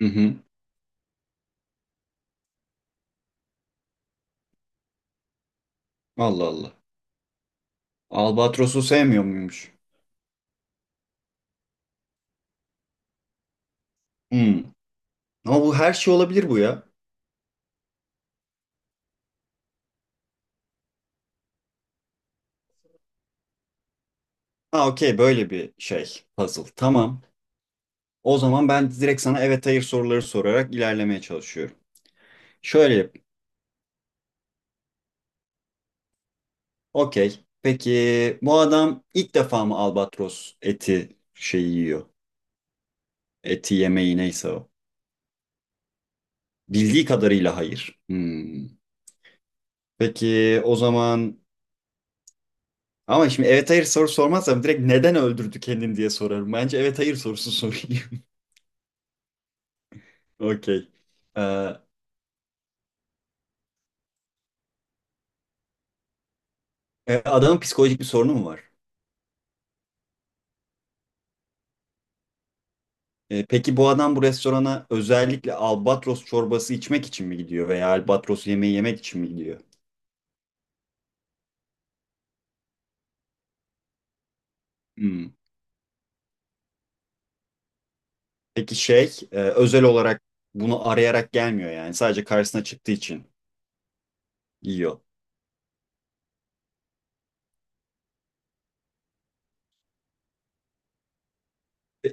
Hı hı. Allah Allah. Albatros'u sevmiyor muymuş? Hmm. Ama bu her şey olabilir bu ya. Ha okey böyle bir şey. Puzzle. Tamam. O zaman ben direkt sana evet hayır soruları sorarak ilerlemeye çalışıyorum. Şöyle yap. Okey. Peki bu adam ilk defa mı albatros eti şeyi yiyor? Eti yemeği neyse o. Bildiği kadarıyla hayır. Hmm. Peki o zaman, ama şimdi evet hayır soru sormazsam direkt neden öldürdü kendini diye sorarım. Bence evet hayır sorusu sorayım. Okey. Ee, adamın psikolojik bir sorunu mu var? Peki bu adam bu restorana özellikle albatros çorbası içmek için mi gidiyor veya albatros yemeği yemek için mi gidiyor? Hmm. Peki şey özel olarak bunu arayarak gelmiyor yani, sadece karşısına çıktığı için yiyor. E,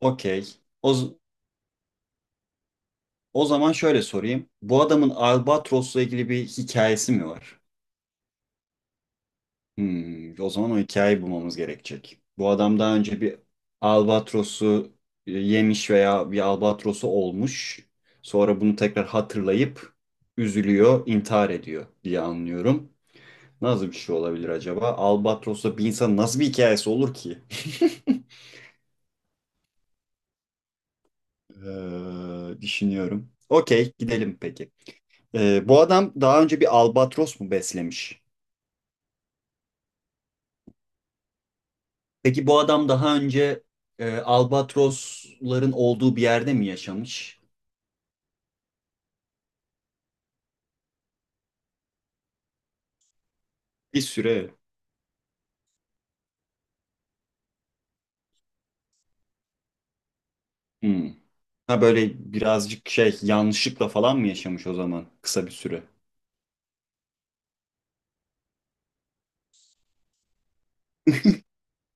Okey. O zaman şöyle sorayım. Bu adamın albatrosla ilgili bir hikayesi mi var? O zaman o hikayeyi bulmamız gerekecek. Bu adam daha önce bir albatrosu yemiş veya bir albatrosu olmuş. Sonra bunu tekrar hatırlayıp üzülüyor, intihar ediyor diye anlıyorum. Nasıl bir şey olabilir acaba? Albatrosla bir insan nasıl bir hikayesi olur ki? Düşünüyorum. Okey, gidelim peki. Bu adam daha önce bir albatros mu beslemiş? Peki bu adam daha önce albatrosların olduğu bir yerde mi yaşamış? Bir süre. Hmm. Ha böyle birazcık şey, yanlışlıkla falan mı yaşamış o zaman kısa bir süre?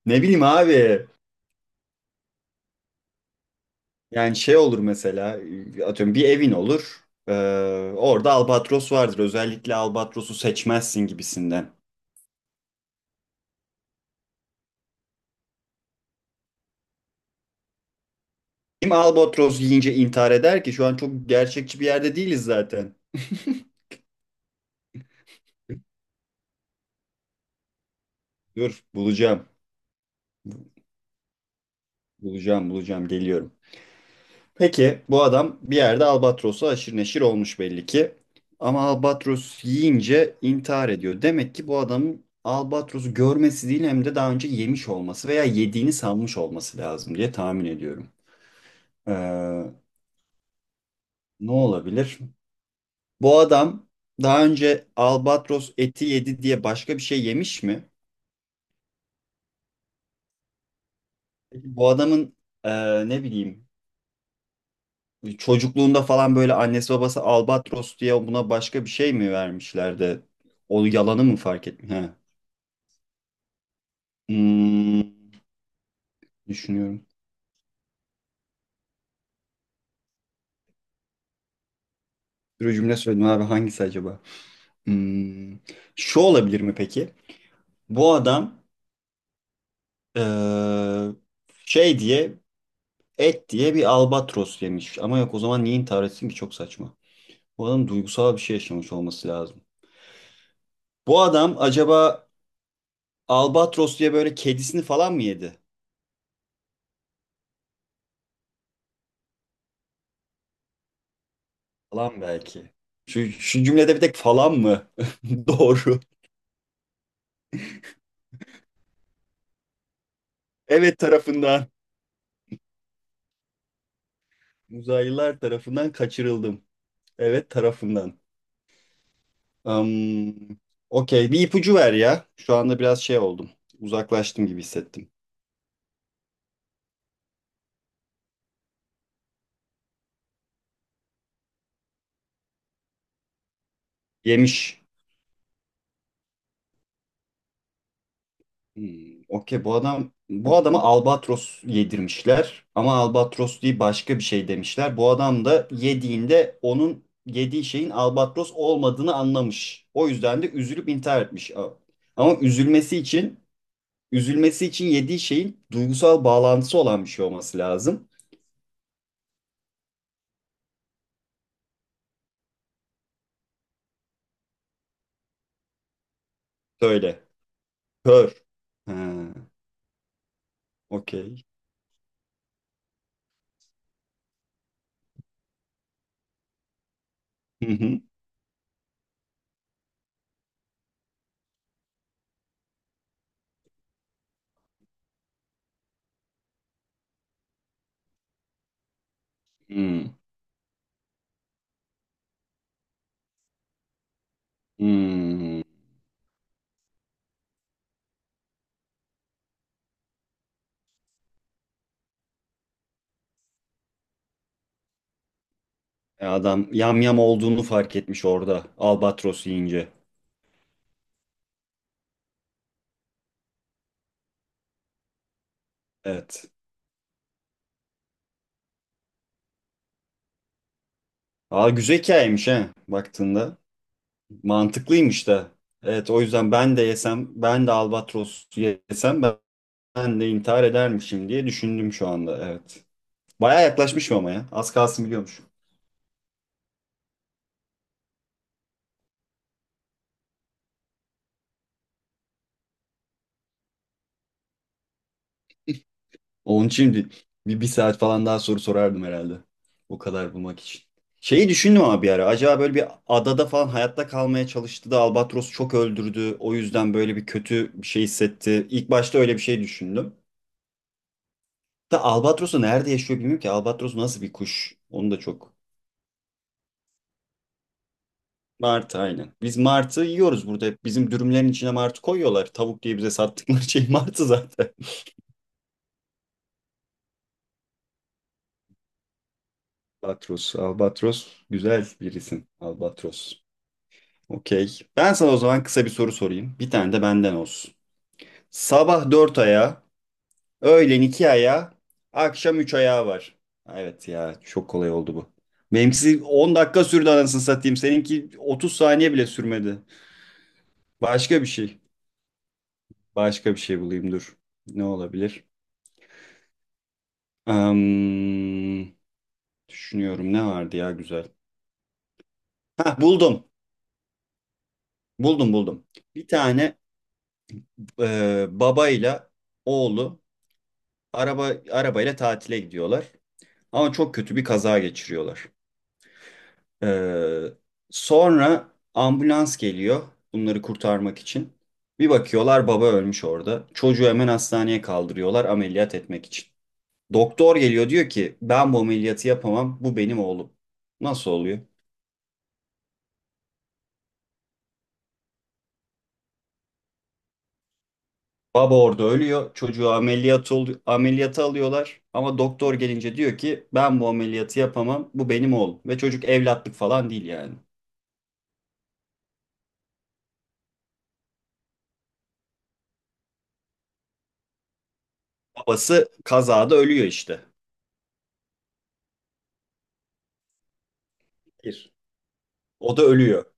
Ne bileyim abi. Yani şey olur mesela, atıyorum bir evin olur. Orada albatros vardır. Özellikle albatrosu seçmezsin gibisinden. Kim albatros yiyince intihar eder ki? Şu an çok gerçekçi bir yerde değiliz zaten. Dur bulacağım. Bulacağım bulacağım geliyorum. Peki bu adam bir yerde albatrosu aşırı neşir olmuş belli ki. Ama albatros yiyince intihar ediyor. Demek ki bu adamın albatrosu görmesi değil, hem de daha önce yemiş olması veya yediğini sanmış olması lazım diye tahmin ediyorum. Ee, ne olabilir? Bu adam daha önce albatros eti yedi diye başka bir şey yemiş mi? Peki bu adamın ne bileyim, çocukluğunda falan böyle annesi babası Albatros diye buna başka bir şey mi vermişler de onu, yalanı mı fark etmiş? He. Hmm, düşünüyorum. Bir cümle söyledim abi, hangisi acaba? Hmm, şu olabilir mi peki? Bu adam eee, şey diye, et diye bir albatros yemiş. Ama yok, o zaman niye intihar etsin ki, çok saçma. Bu adam duygusal bir şey yaşamış olması lazım. Bu adam acaba albatros diye böyle kedisini falan mı yedi? Falan belki. Şu cümlede bir tek falan mı? Doğru. Evet, tarafından. Uzaylılar tarafından kaçırıldım. Evet tarafından. Am, okey bir ipucu ver ya. Şu anda biraz şey oldum. Uzaklaştım gibi hissettim. Yemiş. Okey, bu adam, bu adama albatros yedirmişler ama albatros değil başka bir şey demişler. Bu adam da yediğinde onun yediği şeyin albatros olmadığını anlamış. O yüzden de üzülüp intihar etmiş. Ama üzülmesi için yediği şeyin duygusal bağlantısı olan bir şey olması lazım. Söyle. Kör. Ha, okey. Hı hı. Hmm, hmm. Adam yamyam olduğunu fark etmiş orada, albatros yiyince. Evet. Aa, güzel hikayeymiş he, baktığında. Mantıklıymış da. Evet, o yüzden ben de yesem, ben de albatros yesem ben de intihar edermişim diye düşündüm şu anda. Evet. Baya yaklaşmışım ama ya. Az kalsın biliyormuşum. Onun için bir saat falan daha soru sorardım herhalde. O kadar bulmak için. Şeyi düşündüm ama bir ara. Acaba böyle bir adada falan hayatta kalmaya çalıştı da albatros çok öldürdü, o yüzden böyle bir kötü bir şey hissetti. İlk başta öyle bir şey düşündüm. Da Albatros'u nerede yaşıyor bilmiyorum ki. Albatros nasıl bir kuş? Onu da çok. Martı, aynen. Biz martı yiyoruz burada. Hep bizim dürümlerin içine martı koyuyorlar. Tavuk diye bize sattıkları şey martı zaten. Albatros. Albatros güzel bir isim. Albatros. Okey. Ben sana o zaman kısa bir soru sorayım. Bir tane de benden olsun. Sabah dört ayağı, öğlen iki ayağı, akşam üç ayağı var. Evet ya, çok kolay oldu bu. Benimkisi 10 dakika sürdü anasını satayım. Seninki 30 saniye bile sürmedi. Başka bir şey. Başka bir şey bulayım dur. Ne olabilir? Am, düşünüyorum ne vardı ya güzel. Ha, buldum. Buldum buldum. Bir tane babayla oğlu arabayla tatile gidiyorlar. Ama çok kötü bir kaza geçiriyorlar. E, sonra ambulans geliyor bunları kurtarmak için. Bir bakıyorlar, baba ölmüş orada. Çocuğu hemen hastaneye kaldırıyorlar ameliyat etmek için. Doktor geliyor, diyor ki ben bu ameliyatı yapamam, bu benim oğlum. Nasıl oluyor? Baba orada ölüyor, çocuğu ameliyat oluyor, ameliyata alıyorlar ama doktor gelince diyor ki ben bu ameliyatı yapamam, bu benim oğlum. Ve çocuk evlatlık falan değil yani. Babası kazada ölüyor işte. Bir. O da ölüyor.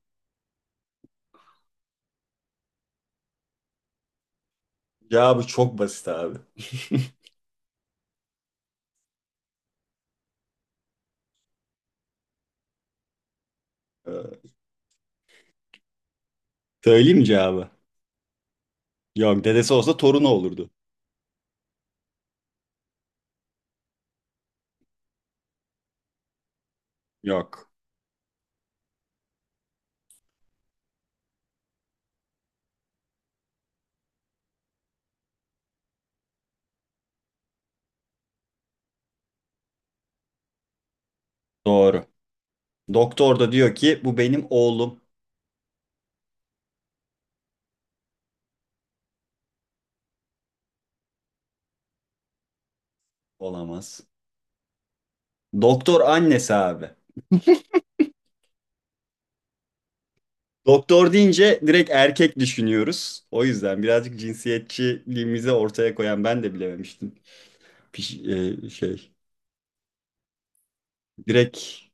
Cevabı çok basit abi. Ee, söyleyeyim mi cevabı? Yok, dedesi olsa torunu olurdu. Yok. Doğru. Doktor da diyor ki bu benim oğlum. Olamaz. Doktor annesi abi. Doktor deyince direkt erkek düşünüyoruz. O yüzden birazcık cinsiyetçiliğimizi ortaya koyan ben de bilememiştim. Piş- Şey, direkt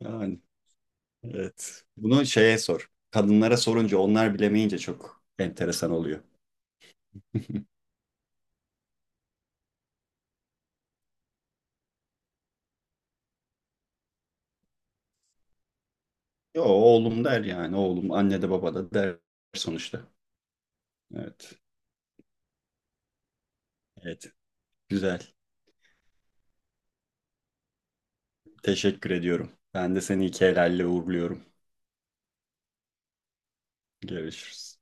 yani, evet. Bunu şeye sor. Kadınlara sorunca, onlar bilemeyince çok enteresan oluyor. Yo, oğlum der yani. Oğlum anne de baba da der sonuçta. Evet. Evet. Güzel. Teşekkür ediyorum. Ben de seni iki helalle uğurluyorum. Görüşürüz.